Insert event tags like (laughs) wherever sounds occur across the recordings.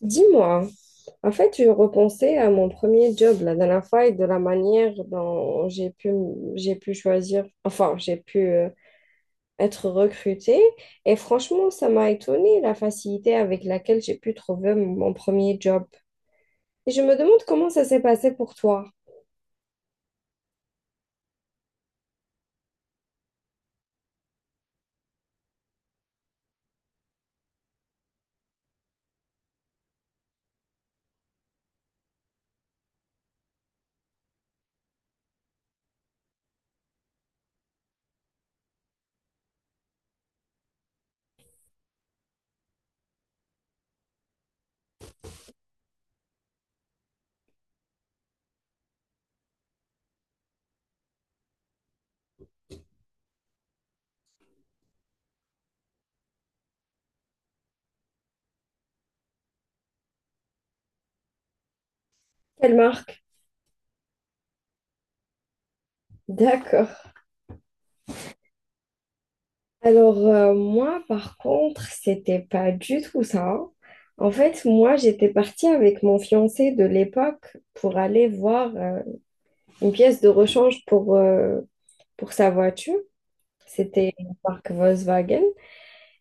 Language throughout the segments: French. Dis-moi, en fait, je repensais à mon premier job la dernière fois et de la manière dont j'ai pu choisir, enfin, j'ai pu être recrutée. Et franchement, ça m'a étonnée la facilité avec laquelle j'ai pu trouver mon premier job. Et je me demande comment ça s'est passé pour toi. Quelle marque? D'accord. Alors, moi, par contre, c'était pas du tout ça. En fait, moi, j'étais partie avec mon fiancé de l'époque pour aller voir une pièce de rechange pour sa voiture. C'était une marque Volkswagen.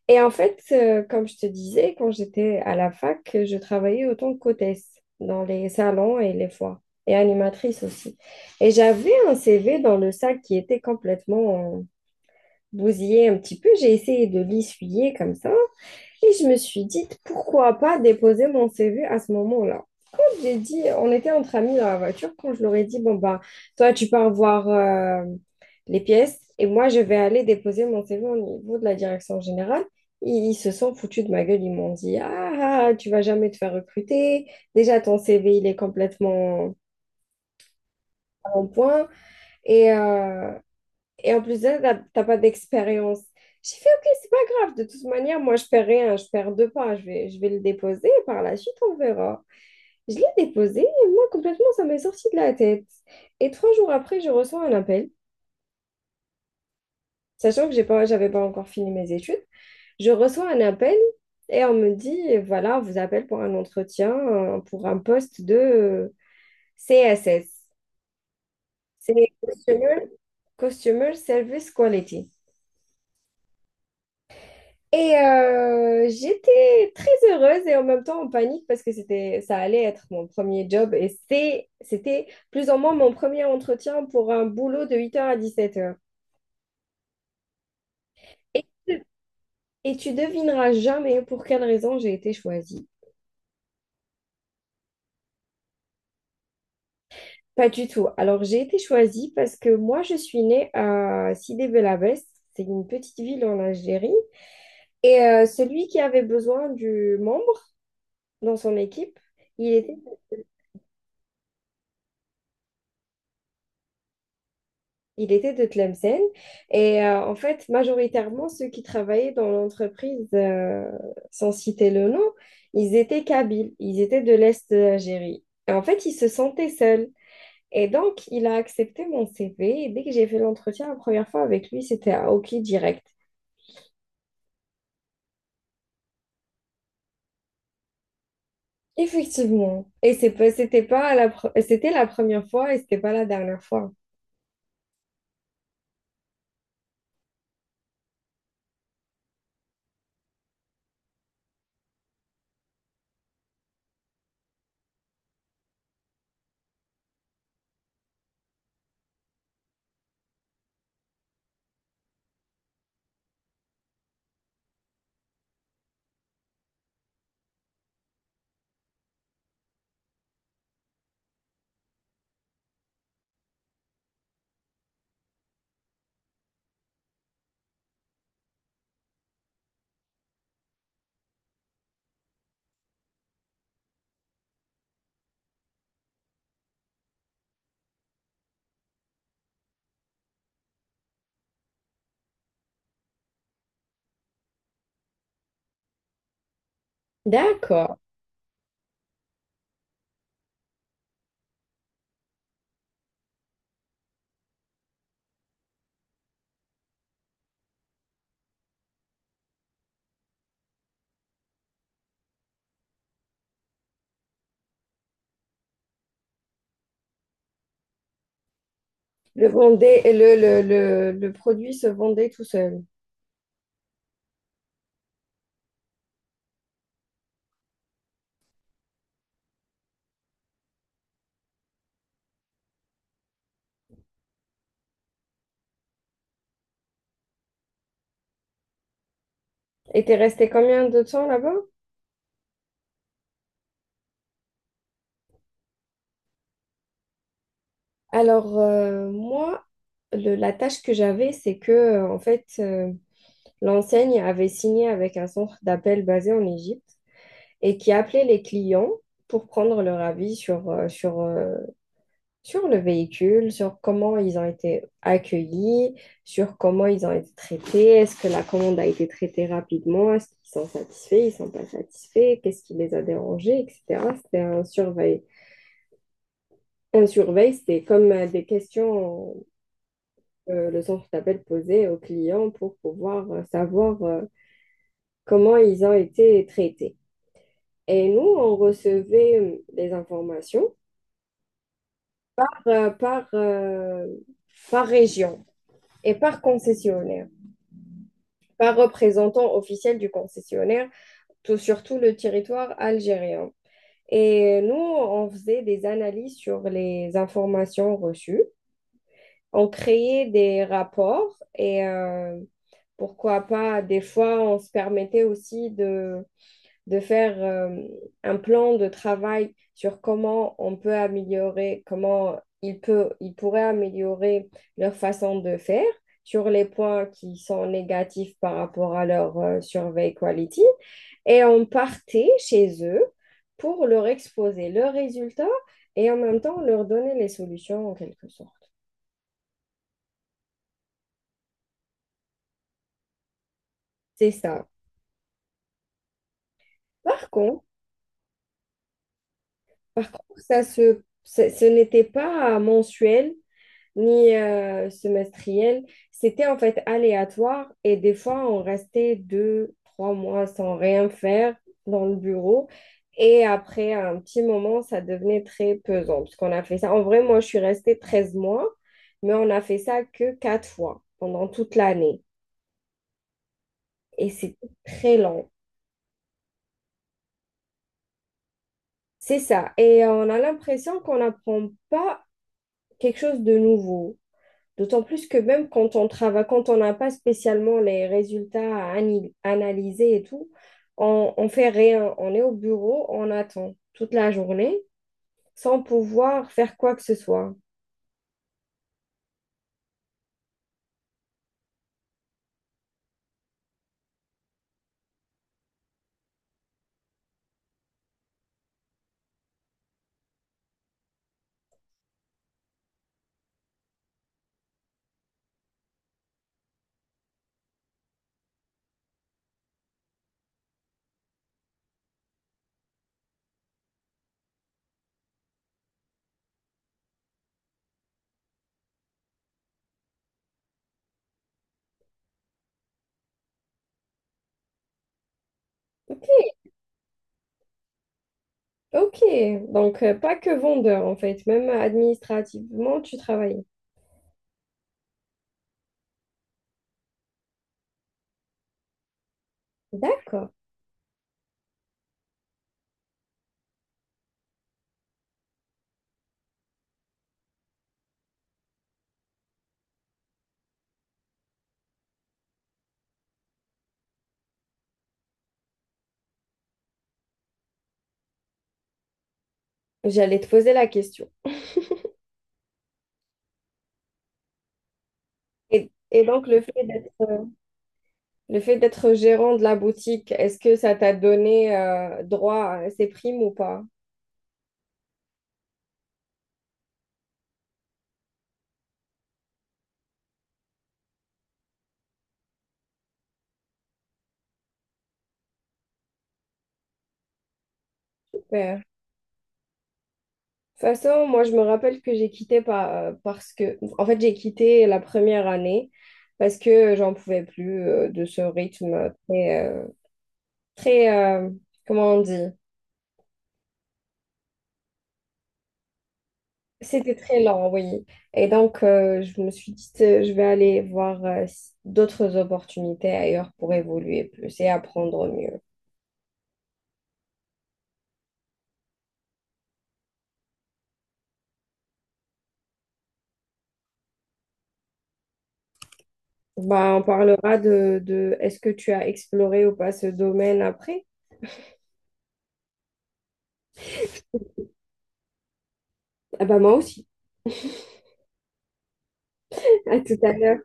Et en fait, comme je te disais, quand j'étais à la fac, je travaillais autant que qu'hôtesse dans les salons et les foires, et animatrice aussi. Et j'avais un CV dans le sac qui était complètement bousillé un petit peu. J'ai essayé de l'essuyer comme ça. Et je me suis dit, pourquoi pas déposer mon CV à ce moment-là. J'ai dit, on était entre amis dans la voiture quand je leur ai dit, bon, bah, toi, tu pars voir les pièces et moi, je vais aller déposer mon CV au niveau de la direction générale. Ils se sont foutus de ma gueule. Ils m'ont dit, ah, ah, ah, tu vas jamais te faire recruter. Déjà, ton CV, il est complètement en point. Et euh, et en plus de ça, t'as pas d'expérience. J'ai fait, OK, c'est pas grave. De toute manière, moi, je perds rien. Je perds deux pas. Je vais le déposer. Et par la suite, on verra. Je l'ai déposé. Et moi, complètement, ça m'est sorti de la tête. Et 3 jours après, je reçois un appel. Sachant que j'avais pas encore fini mes études. Je reçois un appel. Et on me dit, voilà, on vous appelle pour un entretien pour un poste de CSS. C'est Customer, Customer Service Quality. Et j'étais très heureuse et en même temps en panique parce que ça allait être mon premier job et c'était plus ou moins mon premier entretien pour un boulot de 8h à 17h. Et, et tu devineras jamais pour quelle raison j'ai été choisie. Pas du tout. Alors j'ai été choisie parce que moi je suis née à Sidi Belabès, c'est une petite ville en Algérie. Et celui qui avait besoin du membre dans son équipe, il était Il était de Tlemcen. Et en fait, majoritairement, ceux qui travaillaient dans l'entreprise, sans citer le nom, ils étaient Kabyles. Ils étaient de l'Est de l'Algérie. Et en fait, ils se sentaient seuls. Et donc, il a accepté mon CV. Et dès que j'ai fait l'entretien la première fois avec lui, c'était à OK direct. Effectivement. Et c'était la première fois et c'était pas la dernière fois. D'accord. Le, vendait- le produit se vendait tout seul. Et t'es resté combien de temps là-bas? Alors, moi, la tâche que j'avais, c'est que, en fait, l'enseigne avait signé avec un centre d'appel basé en Égypte et qui appelait les clients pour prendre leur avis sur le véhicule, sur comment ils ont été accueillis, sur comment ils ont été traités, est-ce que la commande a été traitée rapidement, est-ce qu'ils sont satisfaits, ils ne sont pas satisfaits, qu'est-ce qui les a dérangés, etc. C'était un surveil. Un surveil, c'était comme des questions que le centre d'appel posait aux clients pour pouvoir savoir comment ils ont été traités. Et nous, on recevait des informations euh, par, euh, par région et par concessionnaire, par représentant officiel du concessionnaire, tout, sur tout le territoire algérien. Et nous, on faisait des analyses sur les informations reçues. On créait des rapports et pourquoi pas, des fois, on se permettait aussi de faire un plan de travail sur comment on peut améliorer, comment ils pourraient améliorer leur façon de faire sur les points qui sont négatifs par rapport à leur survey quality. Et on partait chez eux pour leur exposer leurs résultats et en même temps leur donner les solutions en quelque sorte. C'est ça. Par contre, par contre, ça ce n'était pas mensuel ni semestriel. C'était en fait aléatoire et des fois, on restait deux, trois mois sans rien faire dans le bureau. Et après un petit moment, ça devenait très pesant parce qu'on a fait ça. En vrai, moi, je suis restée 13 mois, mais on a fait ça que 4 fois pendant toute l'année. Et c'est très long. C'est ça. Et on a l'impression qu'on n'apprend pas quelque chose de nouveau. D'autant plus que même quand on travaille, quand on n'a pas spécialement les résultats à analyser et tout, on fait rien. On est au bureau, on attend toute la journée sans pouvoir faire quoi que ce soit. Ok, ok. Donc, pas que vendeur en fait, même administrativement, tu travailles. D'accord. J'allais te poser la question. Et donc, le fait le fait d'être gérant de la boutique, est-ce que ça t'a donné droit à ces primes ou pas? Super. De toute façon, moi, je me rappelle que j'ai quitté parce que, en fait, j'ai quitté la première année parce que j'en pouvais plus de ce rythme très, très, comment on dit? C'était très lent, oui. Et donc, je me suis dit, je vais aller voir d'autres opportunités ailleurs pour évoluer plus et apprendre mieux. Bah, on parlera de est-ce que tu as exploré ou pas ce domaine après? Ah bah moi aussi. (laughs) À tout à l'heure.